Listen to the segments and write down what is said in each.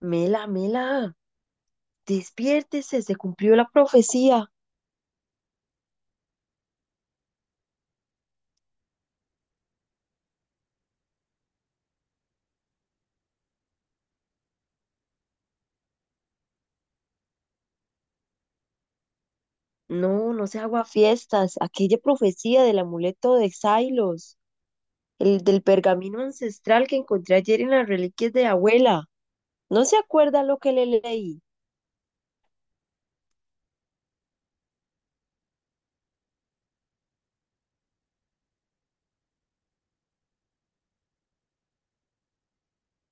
Mela, Mela, despiértese, se cumplió la profecía. No, no se haga fiestas, aquella profecía del amuleto de Xylos, el del pergamino ancestral que encontré ayer en las reliquias de abuela. ¿No se acuerda lo que le leí?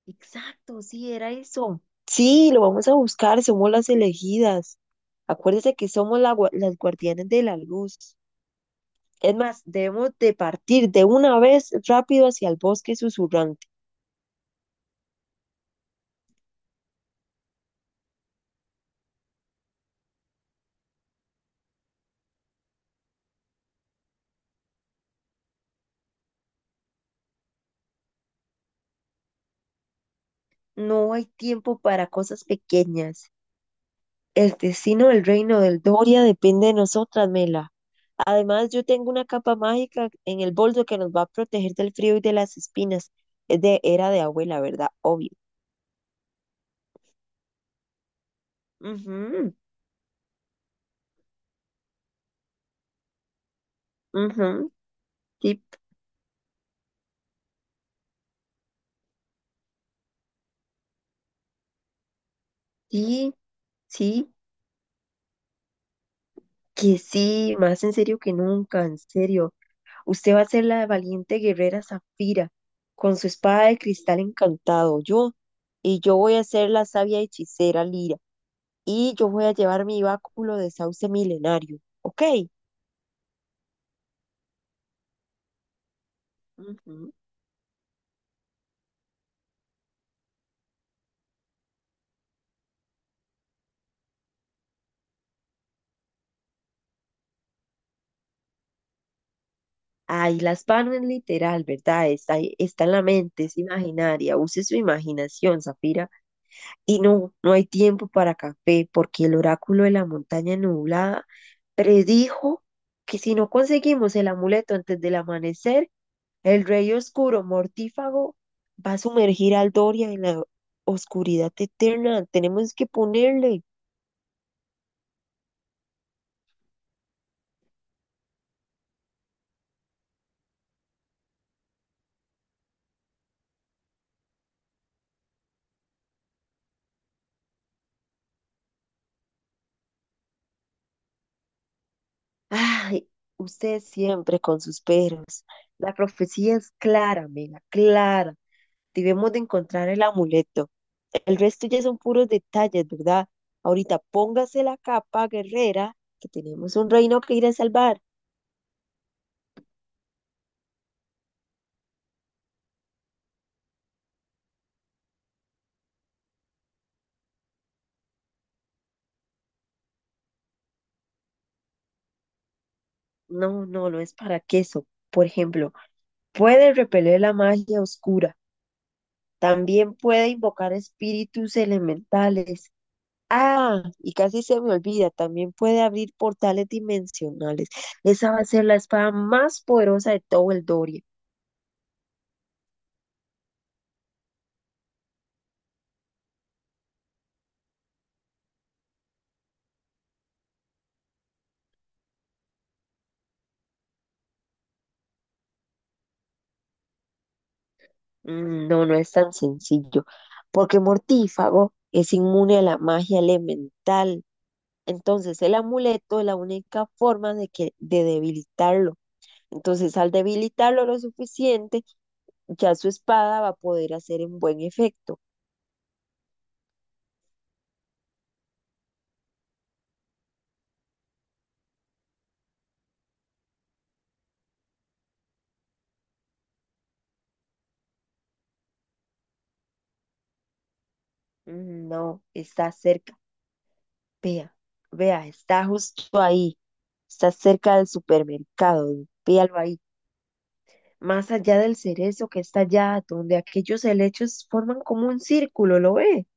Exacto, sí, era eso. Sí, lo vamos a buscar, somos las elegidas. Acuérdese que somos las guardianes de la luz. Es más, debemos de partir de una vez rápido hacia el bosque susurrante. No hay tiempo para cosas pequeñas. El destino del reino del Doria depende de nosotras, Mela. Además, yo tengo una capa mágica en el bolso que nos va a proteger del frío y de las espinas. Es de era de abuela, ¿verdad? Obvio. Ujú, ujú, sí, sí, sí, que sí, más en serio que nunca, en serio. Usted va a ser la valiente guerrera Zafira, con su espada de cristal encantado. Y yo voy a ser la sabia hechicera Lira. Y yo voy a llevar mi báculo de sauce milenario, ¿ok? Ujú. Ahí las pan es literal, ¿verdad? Está en la mente, es imaginaria. Use su imaginación, Zafira. Y no, no hay tiempo para café, porque el oráculo de la montaña nublada predijo que si no conseguimos el amuleto antes del amanecer, el rey oscuro mortífago va a sumergir al Doria en la oscuridad eterna. Tenemos que ponerle. Ay, usted siempre con sus peros. La profecía es clara, Mela, clara. Debemos de encontrar el amuleto. El resto ya son puros detalles, ¿verdad? Ahorita póngase la capa, guerrera, que tenemos un reino que ir a salvar. No, no, no es para queso. Por ejemplo, puede repeler la magia oscura. También puede invocar espíritus elementales. Ah, y casi se me olvida, también puede abrir portales dimensionales. Esa va a ser la espada más poderosa de todo el Doria. Mm, no, no es tan sencillo, porque Mortífago es inmune a la magia elemental. Entonces, el amuleto es la única forma de que de debilitarlo. Entonces, al debilitarlo lo suficiente, ya su espada va a poder hacer un buen efecto. Mm, no, está cerca. Vea, vea, está justo ahí. Está cerca del supermercado. Véalo ahí. Más allá del cerezo que está allá, donde aquellos helechos forman como un círculo, ¿lo ve?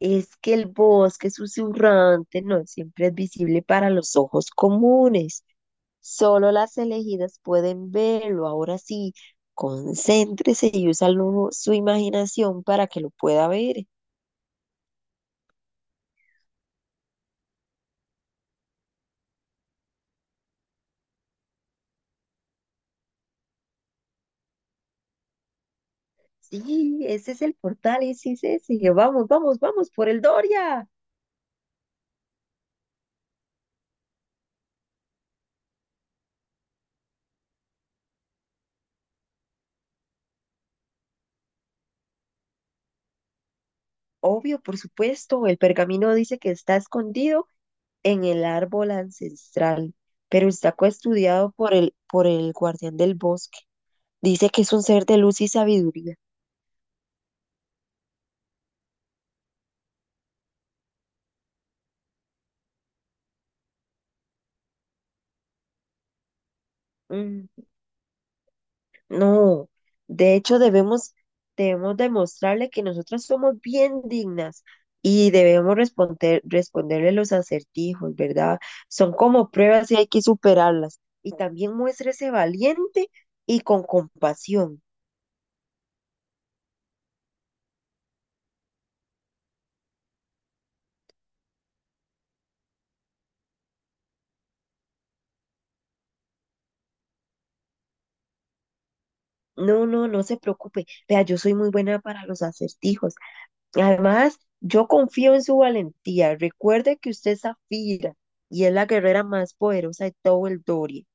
Es que el bosque susurrante no siempre es visible para los ojos comunes. Solo las elegidas pueden verlo. Ahora sí, concéntrese y su imaginación para que lo pueda ver. Sí, ese es el portal, ese es ese. Vamos, vamos, vamos por el Doria. Obvio, por supuesto, el pergamino dice que está escondido en el árbol ancestral, pero está custodiado por el guardián del bosque. Dice que es un ser de luz y sabiduría. Mm, no, de hecho debemos demostrarle que nosotras somos bien dignas y debemos responderle los acertijos, ¿verdad? Son como pruebas y hay que superarlas. Y también muéstrese valiente y con compasión. No, no, no se preocupe. Vea, yo soy muy buena para los acertijos. Además, yo confío en su valentía. Recuerde que usted es Zafira y es la guerrera más poderosa de todo el Doria.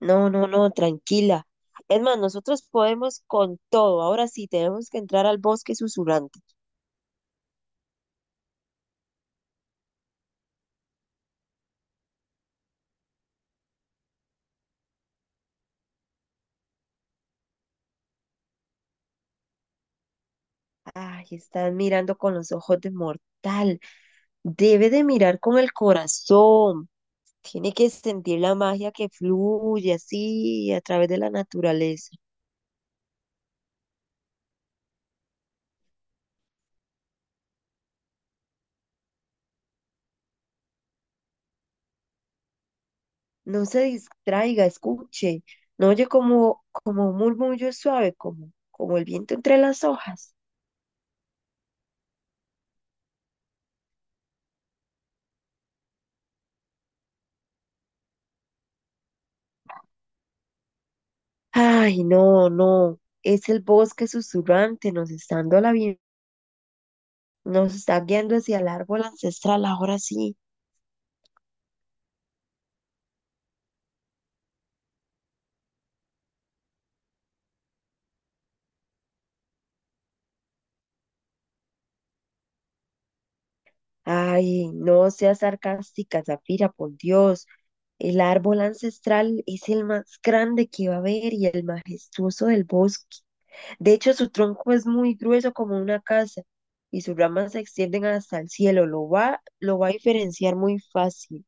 No, no, no, tranquila. Es más, nosotros podemos con todo. Ahora sí, tenemos que entrar al bosque susurrante. Ay, están mirando con los ojos de mortal. Debe de mirar con el corazón. Tiene que sentir la magia que fluye así a través de la naturaleza. No se distraiga, escuche, no oye como un murmullo suave, como el viento entre las hojas. Ay, no, no, es el bosque susurrante, nos está dando la bien- nos está guiando hacia el árbol ancestral, ahora sí. Ay, no seas sarcástica, Zafira, por Dios. El árbol ancestral es el más grande que va a haber y el majestuoso del bosque. De hecho, su tronco es muy grueso como una casa y sus ramas se extienden hasta el cielo. Lo va a diferenciar muy fácil.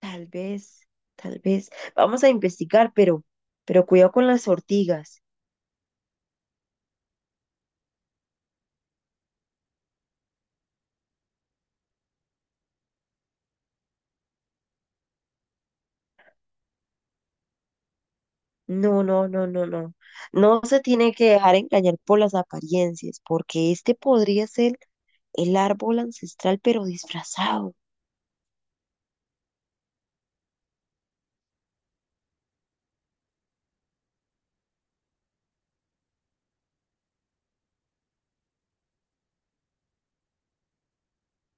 Tal vez, tal vez. Vamos a investigar, pero cuidado con las ortigas. No, no, no, no, no. No se tiene que dejar engañar por las apariencias, porque este podría ser el árbol ancestral, pero disfrazado.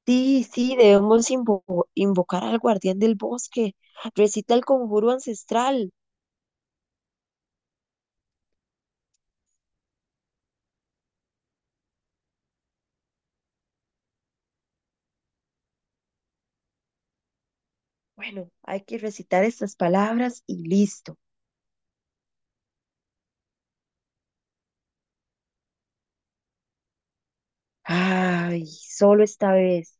Sí, sí, invocar al guardián del bosque. Recita el conjuro ancestral. Bueno, hay que recitar estas palabras y listo. Ay, solo esta vez.